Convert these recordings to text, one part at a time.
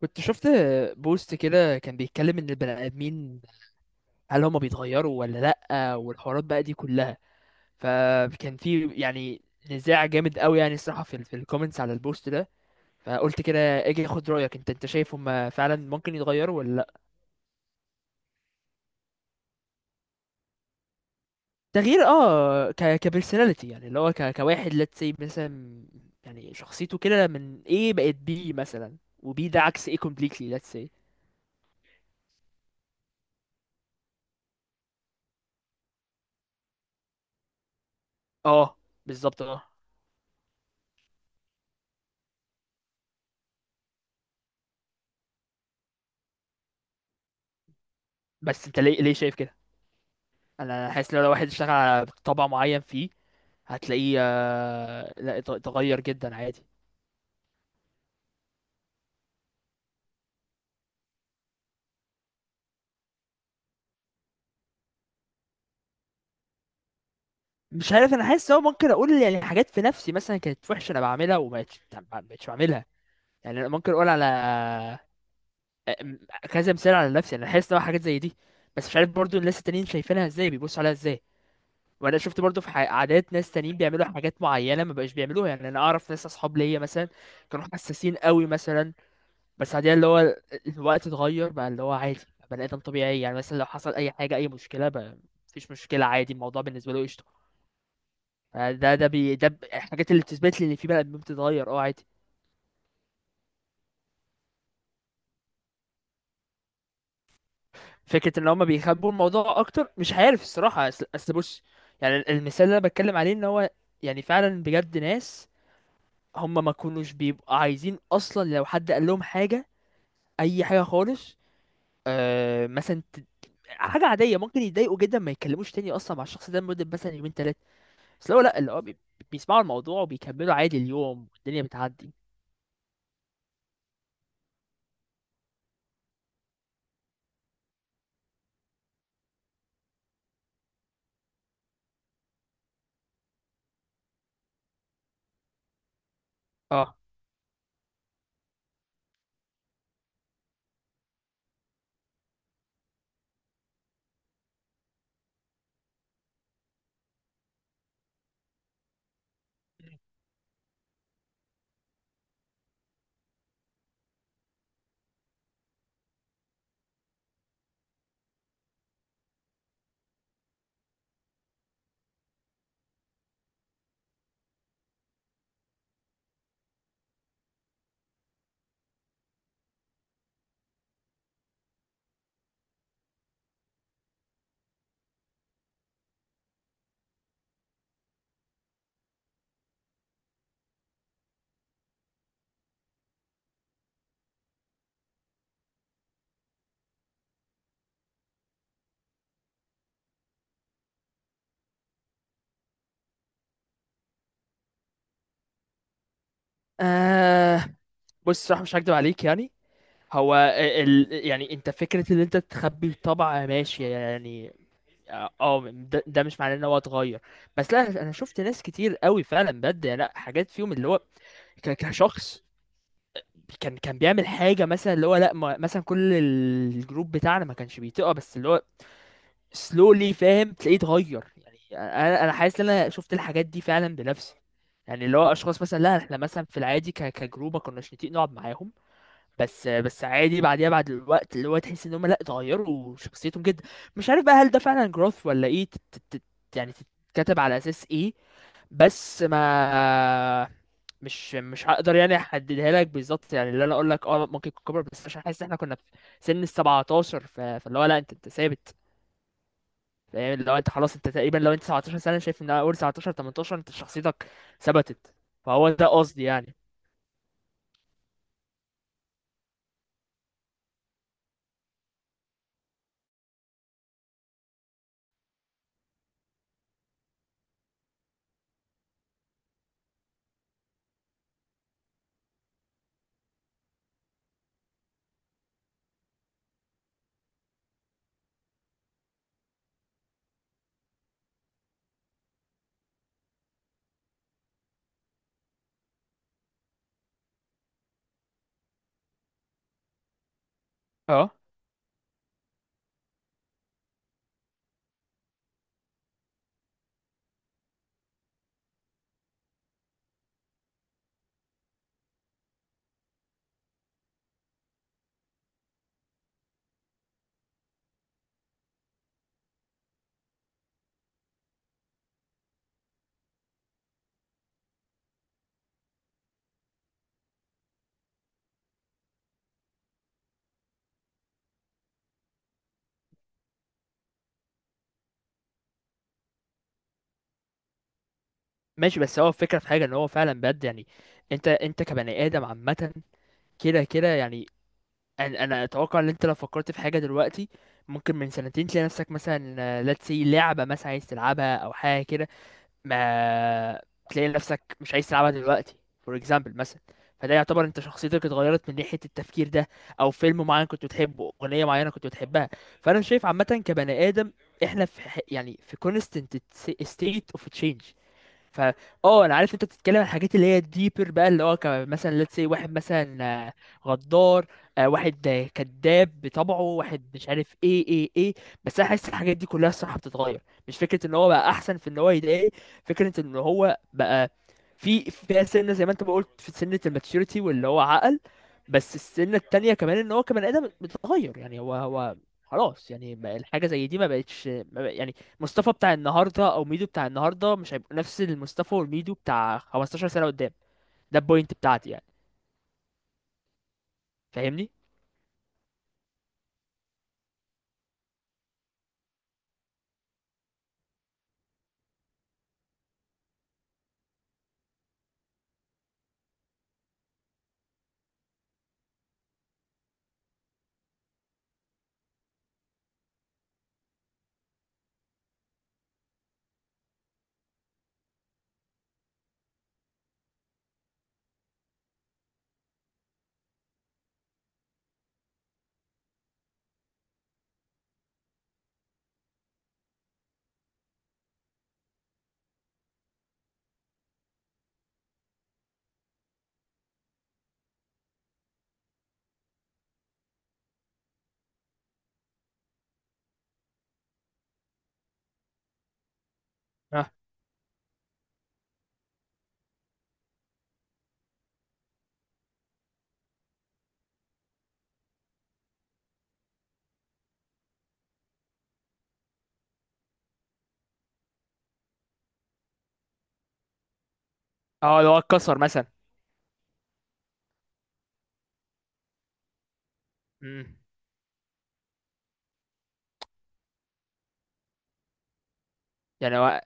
كنت شفت بوست كده كان بيتكلم ان البني ادمين، هل هما بيتغيروا ولا لا، والحوارات بقى دي كلها. فكان في، يعني، نزاع جامد قوي، يعني الصراحه في الكومنتس على البوست ده. فقلت كده اجي اخد رايك. انت شايف هما فعلا ممكن يتغيروا ولا لا؟ تغيير، اه ك كبرسوناليتي، يعني اللي هو كواحد، let's say، مثلا. يعني شخصيته كده من ايه بقت بي مثلا، وبي ده عكس ايه، completely، let's say. اه، بالظبط، اه. بس انت ليه شايف كده؟ انا حاسس لو واحد اشتغل على طبع معين فيه، هتلاقيه، لا، اتغير جدا عادي. مش عارف، انا حاسس هو ممكن اقول، يعني، حاجات في نفسي مثلا كانت وحشه انا بعملها وما بقتش ما بقتش بعملها. يعني أنا ممكن اقول على، آه، م- كذا مثال على نفسي. انا حاسس ان هو حاجات زي دي، بس مش عارف برضو الناس التانيين شايفينها ازاي، بيبصوا عليها ازاي. وانا شفت برضو في عادات ناس تانيين بيعملوا حاجات معينه ما بقاش بيعملوها. يعني انا اعرف ناس اصحاب ليا مثلا كانوا حساسين قوي مثلا، بس بعدين اللي هو الوقت اتغير بقى، اللي هو عادي، بقى بني ادم طبيعي. يعني مثلا لو حصل اي حاجه، اي مشكله بقى، مفيش مشكله، عادي، الموضوع بالنسبه له قشطه. آه، ده ده بي ده ب- الحاجات اللي بتثبت لي ان في بني ادمين بتتغير، اه، عادي. فكره ان هما بيخبوا الموضوع اكتر، مش عارف الصراحه. اصل بص. يعني المثال اللي انا بتكلم عليه، ان هو يعني فعلا بجد ناس هما ما كانوش بيبقوا عايزين اصلا، لو حد قال لهم حاجه، اي حاجه خالص، مثلا، حاجه عاديه، ممكن يتضايقوا جدا، ما يتكلموش تاني اصلا مع الشخص ده لمده مثلا يومين تلاته. بس لو لا، اللي هو بيسمعوا الموضوع وبيكملوا عادي، اليوم والدنيا بتعدي. اه، آه، بص، صراحة مش هكدب عليك، يعني. هو يعني انت، فكرة ان انت تخبي الطبع، ماشي يعني. اه، آه، ده مش معناه ان هو اتغير. بس لا، انا شفت ناس كتير قوي فعلا بجد، يعني لا، حاجات فيهم اللي هو كشخص، كان بيعمل حاجة مثلا اللي هو لا، ما... مثلا كل الجروب بتاعنا ما كانش بيتقى، بس اللي هو سلولي، فاهم؟ تلاقيه اتغير يعني. انا حاسس ان انا شفت الحاجات دي فعلا بنفسي. يعني اللي هو اشخاص مثلا، لا احنا مثلا في العادي كجروب ما كناش نتيق نقعد معاهم، بس عادي بعديها، بعد الوقت اللي هو تحس ان هم لا، اتغيروا شخصيتهم جدا. مش عارف بقى هل ده فعلا growth ولا ايه؟ تت تت يعني تتكتب على اساس ايه؟ بس، ما مش مش هقدر يعني احددها لك بالظبط، يعني اللي انا اقول لك، ممكن يكون كبر، بس عشان حاسس ان احنا كنا في سن ال 17، فاللي هو لا، انت ثابت. يعني لو انت خلاص، انت تقريبا لو انت 19 سنه، شايف ان اول 19 18 انت شخصيتك ثبتت. فهو ده قصدي يعني. اه، ماشي، بس هو الفكره في حاجه ان هو فعلا بجد، يعني انت كبني ادم عامه كده كده يعني. انا اتوقع ان انت لو فكرت في حاجه دلوقتي، ممكن من سنتين تلاقي نفسك مثلا، let's say، لعبه مثلا عايز تلعبها او حاجه كده، ما تلاقي نفسك مش عايز تلعبها دلوقتي. فور اكزامبل مثلا. فده يعتبر انت شخصيتك اتغيرت من ناحية التفكير ده، او فيلم معين كنت بتحبه، اغنية معينة كنت بتحبها. فانا شايف عامة كبني ادم احنا في constant state of change. ف اه انا عارف انت بتتكلم عن الحاجات اللي هي ديبر بقى، اللي هو مثلا ليتس سي واحد مثلا، غدار، واحد، كذاب بطبعه، واحد مش عارف ايه ايه ايه. بس انا حاسس الحاجات دي كلها الصراحه بتتغير، مش فكره ان هو بقى احسن في ان هو يضايق، فكره ان هو بقى فيها سنه، زي ما انت ما قلت، في سنه الماتشوريتي واللي هو عقل. بس السنه التانية كمان ان هو كبني ادم بتتغير، يعني هو خلاص، يعني بقى الحاجه زي دي ما بقتش، ما بق- يعني. مصطفى بتاع النهارده او ميدو بتاع النهارده مش هيبقى نفس المصطفى والميدو بتاع 15 سنه قدام. ده البوينت بتاعتي يعني. فاهمني؟ اه، اه، لو هو اتكسر مثلا. امم يعني هو،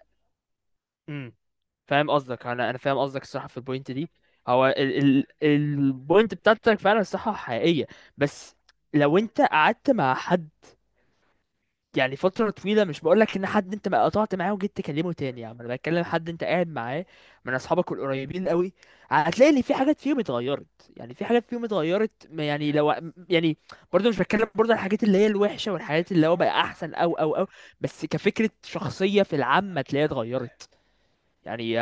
امم فاهم قصدك. انا فاهم قصدك الصراحه في البوينت دي. هو ال البوينت بتاعتك فعلا صح، حقيقيه. بس لو انت قعدت مع حد يعني فترة طويلة، مش بقولك ان حد انت ما قطعت معاه وجيت تكلمه تاني، يعني انا بتكلم حد انت قاعد معاه من اصحابك القريبين قوي، هتلاقي ان في حاجات فيهم اتغيرت. يعني في حاجات فيهم اتغيرت، ما يعني لو، يعني، برضه مش بتكلم برضه عن الحاجات اللي هي الوحشة والحاجات اللي هو بقى احسن، او او او بس كفكرة شخصية في العامة تلاقيها اتغيرت. يعني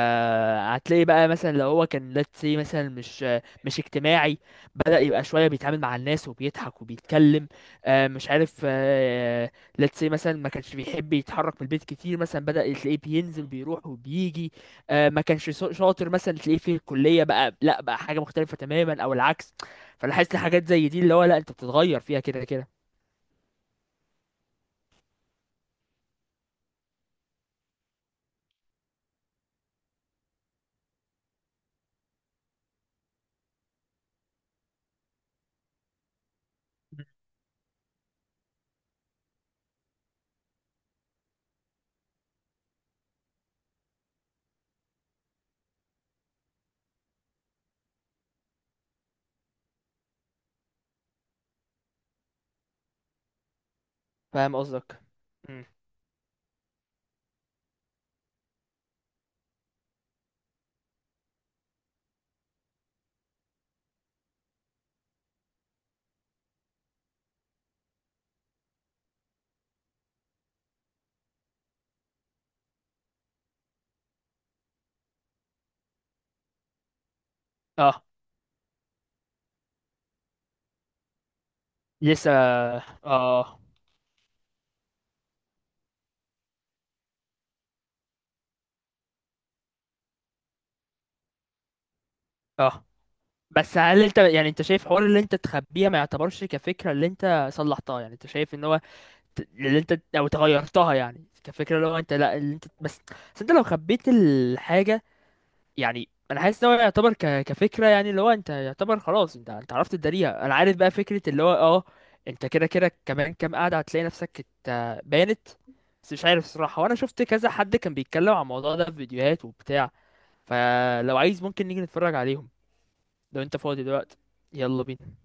هتلاقي بقى مثلا لو هو كان، let's say مثلا، مش اجتماعي، بدأ يبقى شوية بيتعامل مع الناس وبيضحك وبيتكلم. مش عارف. Let's say مثلا ما كانش بيحب يتحرك من البيت كتير، مثلا بدأ تلاقيه بينزل بيروح وبيجي. ما كانش شاطر مثلا، تلاقيه في الكلية بقى لا، بقى حاجة مختلفة تماما، او العكس. فلاحظت حاجات زي دي اللي هو لا، انت بتتغير فيها كده كده. فاهم قصدك. مم. اه، لسه. اه، اه، بس هل انت، يعني، انت شايف حوار اللي انت تخبيها ما يعتبرش كفكره اللي انت صلحتها؟ يعني انت شايف ان هو اللي انت او تغيرتها، يعني كفكره اللي هو انت، لا اللي انت بس، بس انت لو خبيت الحاجه، يعني انا حاسس ان هو يعتبر كفكره، يعني اللي هو انت يعتبر خلاص، انت عرفت تداريها. انا عارف بقى فكره اللي هو، انت كده كده كمان كام قاعده هتلاقي نفسك، بانت. بس مش عارف الصراحه، وانا شفت كذا حد كان بيتكلم عن الموضوع ده في فيديوهات وبتاع، فلو عايز ممكن نيجي نتفرج عليهم. لو انت فاضي دلوقتي، يلا بينا.